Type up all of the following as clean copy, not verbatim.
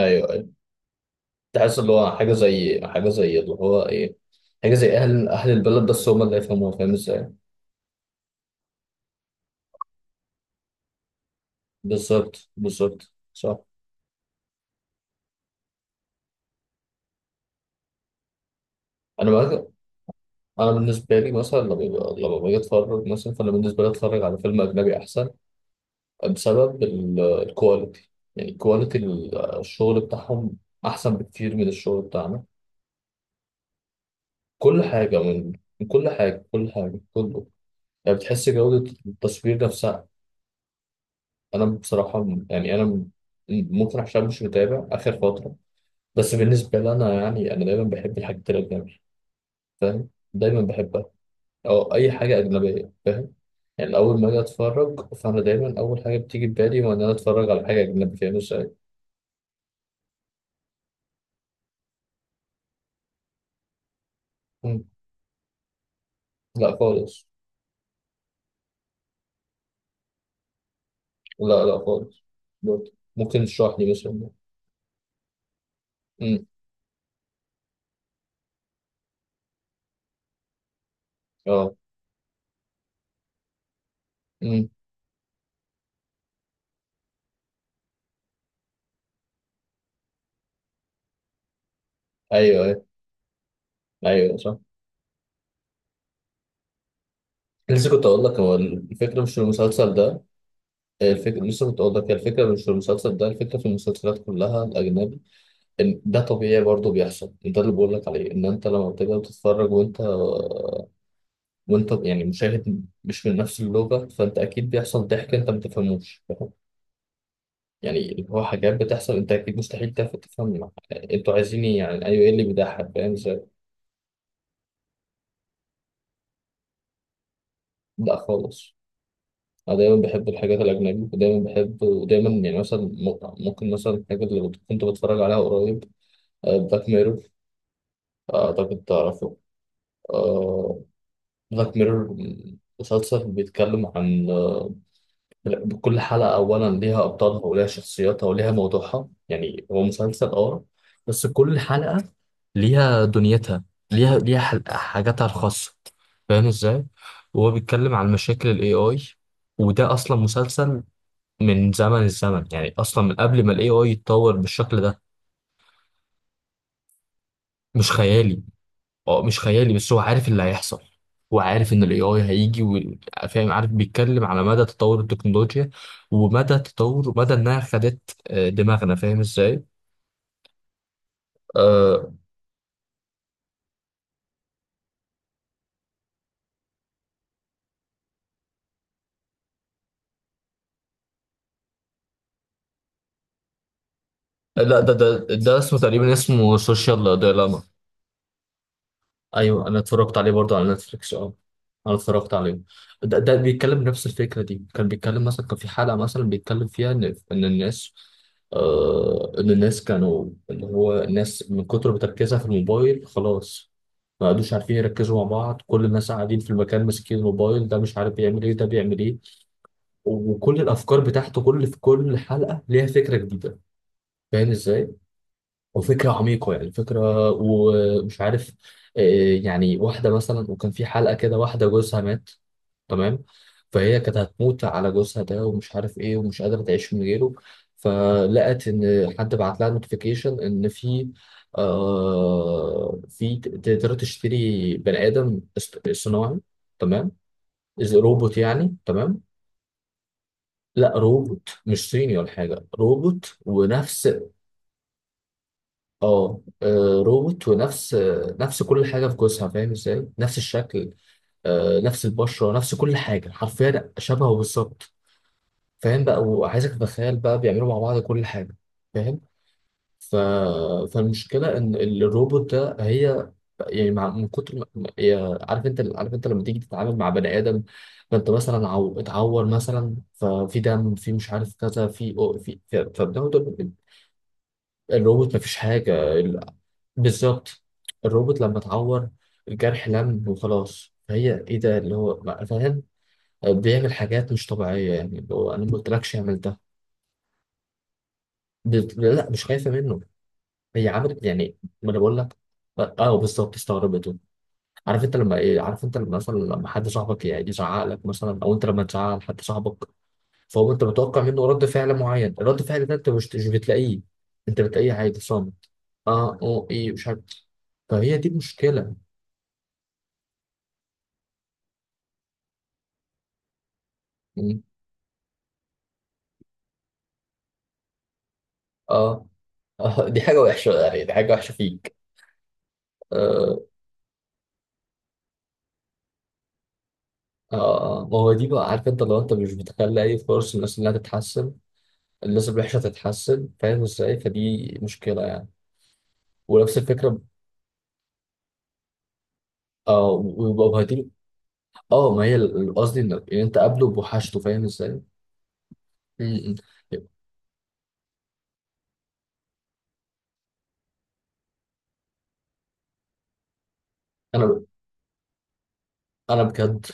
ايوه، تحس اللي هو حاجه زي اللي هو ايه، حاجه زي اهل البلد بس هم اللي يفهموها، فاهم ازاي؟ بالظبط بالظبط صح. انا بقى انا بالنسبه لي مثلا لما باجي اتفرج مثلا، فانا بالنسبه لي اتفرج على فيلم اجنبي احسن، بسبب الكواليتي. يعني كواليتي الشغل بتاعهم احسن بكتير من الشغل بتاعنا. كل حاجه، من من كل حاجه، كله. يعني بتحس جوده التصوير نفسها. انا بصراحه ممكن عشان مش متابع اخر فتره، بس بالنسبه لي انا، يعني انا دايما بحب الحاجات الاجنبي، فاهم؟ دايما بحبها، او اي حاجه اجنبيه، فاهم؟ يعني اول ما اجي اتفرج، فانا دايما اول حاجه بتيجي في بالي هو ان انا اتفرج على حاجه اجنبي، فاهم ازاي؟ مم. لا خالص. لا لا خالص، برضه ممكن تشرح لي مثلا. امم. اه. امم. ايوه ايوه. ايوه صح. لسه كنت اقول لك هو الفكره مش في المسلسل ده. الفكرة، لسه كنت أقول لك هي الفكرة مش في المسلسل ده، الفكرة في المسلسلات كلها الأجنبي، إن ده طبيعي برضه بيحصل. ده اللي بقول لك عليه، إن أنت لما بتبقى بتتفرج وأنت يعني مشاهد مش من نفس اللغة، فأنت أكيد بيحصل ضحك أنت ما تفهموش، فاهم؟ يعني اللي هو حاجات بتحصل أنت أكيد مستحيل تفهم أنتوا عايزين إيه، يعني أيوه إيه اللي بيضحك، فاهم إزاي؟ لا خالص. أنا دايما بحب الحاجات الأجنبي، ودايما بحب، ودايما، يعني مثلا ممكن مثلا الحاجة اللي كنت بتفرج عليها قريب، بلاك ميرور، أعتقد تعرفه. آه، بلاك ميرور، مسلسل بيتكلم عن، كل حلقة أولا ليها أبطالها وليها شخصياتها وليها موضوعها، يعني هو مسلسل أه، بس كل حلقة ليها دنيتها، ليها حاجاتها الخاصة، فاهم إزاي؟ وهو بيتكلم عن مشاكل ال AI. وده أصلا مسلسل من زمن الزمن، يعني أصلا من قبل ما ال AI يتطور بالشكل ده. مش خيالي. اه مش خيالي، بس هو عارف اللي هيحصل. هو عارف ان الاي اي هيجي فاهم؟ عارف بيتكلم على مدى تطور التكنولوجيا، ومدى تطور، مدى انها خدت دماغنا، فاهم ازاي؟ آه. لا ده اسمه تقريبا، اسمه سوشيال ديلاما. ايوه انا اتفرجت عليه برضه على نتفليكس، اه انا اتفرجت عليه. ده بيتكلم نفس الفكره دي، كان بيتكلم مثلا، كان في حلقه مثلا بيتكلم فيها ان، ان الناس، آه ان الناس كانوا اللي هو الناس من كتر بتركيزها في الموبايل خلاص ما قعدوش عارفين يركزوا مع بعض، كل الناس قاعدين في المكان ماسكين الموبايل، ده مش عارف بيعمل ايه ده بيعمل ايه. وكل الافكار بتاعته، كل، في كل حلقه ليها فكره جديده، فاهم ازاي؟ وفكرة عميقة، يعني فكرة ومش عارف، آه، يعني واحدة مثلا، وكان في حلقة كده واحدة جوزها مات، تمام؟ فهي كانت هتموت على جوزها ده ومش عارف ايه ومش قادرة تعيش من غيره، فلقت ان حد بعت لها نوتيفيكيشن ان في، آه في تقدر تشتري بني آدم صناعي، تمام؟ إذا روبوت يعني، تمام؟ لا روبوت مش صيني ولا حاجة، روبوت ونفس، اه روبوت ونفس، نفس كل حاجه في جسمها، فاهم ازاي؟ نفس الشكل، نفس البشره، نفس كل حاجه، حرفيا شبهه بالظبط. فاهم بقى، وعايزك تتخيل بقى بيعملوا مع بعض كل حاجه، فاهم؟ ف... فالمشكله ان الروبوت ده هي، يعني مع، من كتر ما، عارف انت، عارف انت لما تيجي تتعامل مع بني ادم، فانت مثلا اتعور مثلا، ففي دم، في مش عارف كذا، فبناخد. الروبوت مفيش حاجه، بالظبط. الروبوت لما اتعور الجرح لم وخلاص، فهي ايه ده اللي هو فاهم؟ بيعمل حاجات مش طبيعية، يعني اللي هو انا ما قلتلكش اعمل ده. لا مش خايفة منه، هي عملت يعني، ما انا بقول لك. اه بالظبط، استغربته. عارف انت لما ايه، عارف انت لما مثلا لما حد صاحبك يعني يزعق لك مثلا، او انت لما تزعق لحد صاحبك، فهو انت متوقع منه رد فعل معين، الرد فعل ده انت مش بتلاقيه، انت بتلاقيه عادي صامت، اه اه ايه مش عارف. فهي دي مشكلة. اه. اه دي حاجة وحشة، يعني دي حاجة وحشة فيك. اه. اه ما هو دي بقى، عارف انت لو انت مش بتخلي اي فرص للناس انها تتحسن، الناس الوحشة تتحسن، فاهم ازاي؟ فدي مشكلة يعني. ونفس الفكرة. اه. ويبقى بهدي. اه ما هي قصدي ان إن انت قابله بوحشته، فاهم ازاي؟ م- م. انا، انا بجد،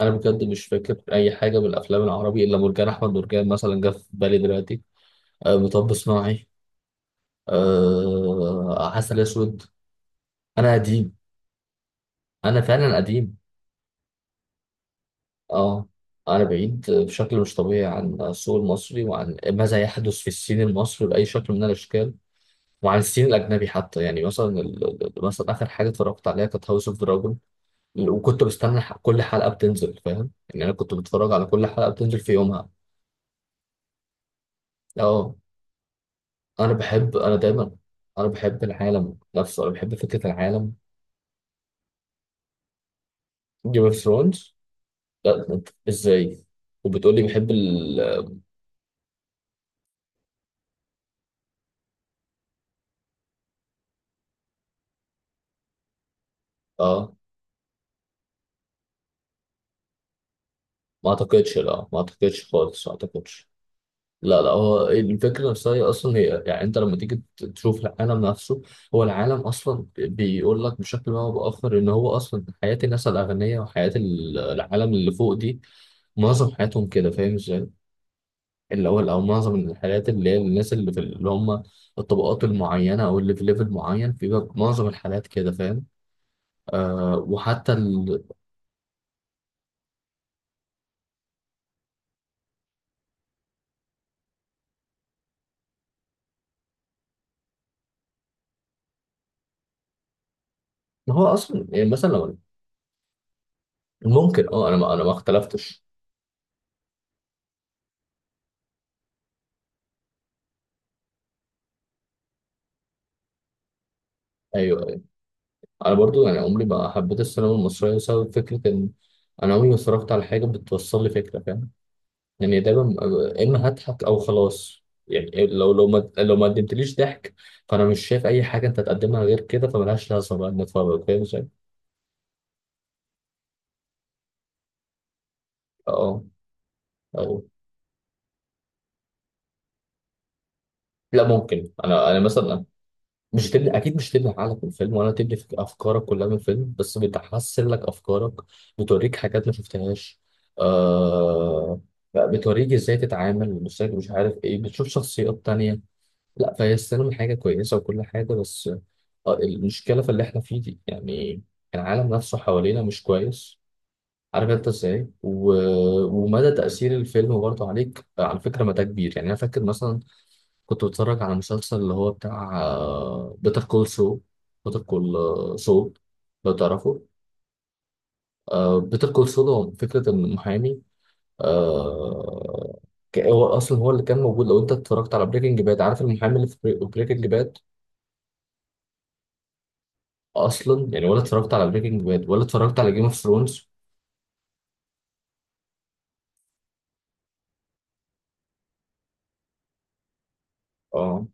انا بجد مش فاكر اي حاجة من الافلام العربي الا مرجان احمد مرجان مثلا جه في بالي دلوقتي. آه مطب صناعي، آه عسل اسود. انا قديم، انا فعلا قديم. اه. أنا بعيد بشكل مش طبيعي عن السوق المصري، وعن ماذا يحدث في الصين المصري بأي شكل من الأشكال، وعن الصين الأجنبي حتى. يعني مثلا مثلا آخر حاجة اتفرجت عليها كانت هاوس اوف دراجون، وكنت بستنى كل حلقة بتنزل، فاهم يعني؟ أنا كنت بتفرج على كل حلقة بتنزل في يومها. اه. أنا بحب، أنا دايما، أنا بحب العالم نفسه، أنا بحب فكرة العالم. جيم اوف ثرونز. لا أنت إزاي؟ وبتقولي بحب ال، اه. ما أعتقدش، لا ما أعتقدش خالص، ما أعتقدش. لا لا، هو الفكرة نفسها هي أصلا، هي يعني أنت لما تيجي تشوف العالم نفسه، هو العالم أصلا بيقول لك بشكل ما أو بآخر إن هو أصلا حياة الناس الأغنياء وحياة العالم اللي فوق دي، معظم حياتهم كده، فاهم إزاي؟ اللي هو أو معظم الحياة اللي هي الناس اللي في، اللي هم الطبقات المعينة أو اللي في ليفل معين، بيبقى معظم الحالات كده، فاهم؟ آه وحتى هو أصلا يعني مثلا لو، ممكن أه. أنا ما اختلفتش. ايوه. انا برضو يعني عمري ما حبيت السينما المصريه، بسبب فكره ان انا عمري ما اتفرجت على حاجه بتوصل لي فكره، فاهم؟ يعني دايما يا اما هضحك او خلاص، يعني لو ما قدمتليش ضحك، فانا مش شايف اي حاجه انت تقدمها غير كده، فملهاش لازمه بقى نتفرج، فاهم ازاي؟ اه. اه. لا ممكن، انا انا مثلا، مش تبني، اكيد مش تبني عقلك من الفيلم ولا تبني افكارك كلها من الفيلم، بس بتحسن لك افكارك، بتوريك حاجات ما شفتهاش، آه، بتوريك ازاي تتعامل، مش عارف ايه، بتشوف شخصيات تانية. لا فهي السينما حاجة كويسة وكل حاجة، بس آه المشكلة في اللي احنا فيه دي يعني، العالم نفسه حوالينا مش كويس، عارف انت ازاي؟ ومدى تأثير الفيلم برضه عليك، على فكرة مدى كبير. يعني انا فاكر مثلا كنت بتفرج على مسلسل اللي هو بتاع بيتر كول سو، بيتر كول سول، لو تعرفه. بيتر كول سول هو فكرة إن محامي، آه، هو أصلا هو اللي كان موجود لو أنت اتفرجت على بريكنج باد، عارف المحامي اللي في بريكنج باد؟ أصلا يعني ولا اتفرجت على بريكنج باد ولا اتفرجت على جيم اوف ثرونز. اه.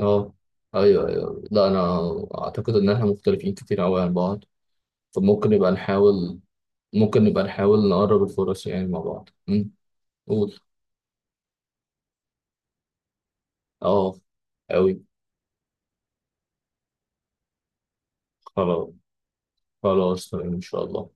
اه. ايوه ايوه. لا انا اعتقد ان احنا مختلفين كتير قوي عن بعض، فممكن نبقى نحاول، ممكن نبقى نحاول نقرب الفرص يعني مع بعض. امم. قول. اه. أوي. خلاص. خلاص تمام إن شاء الله.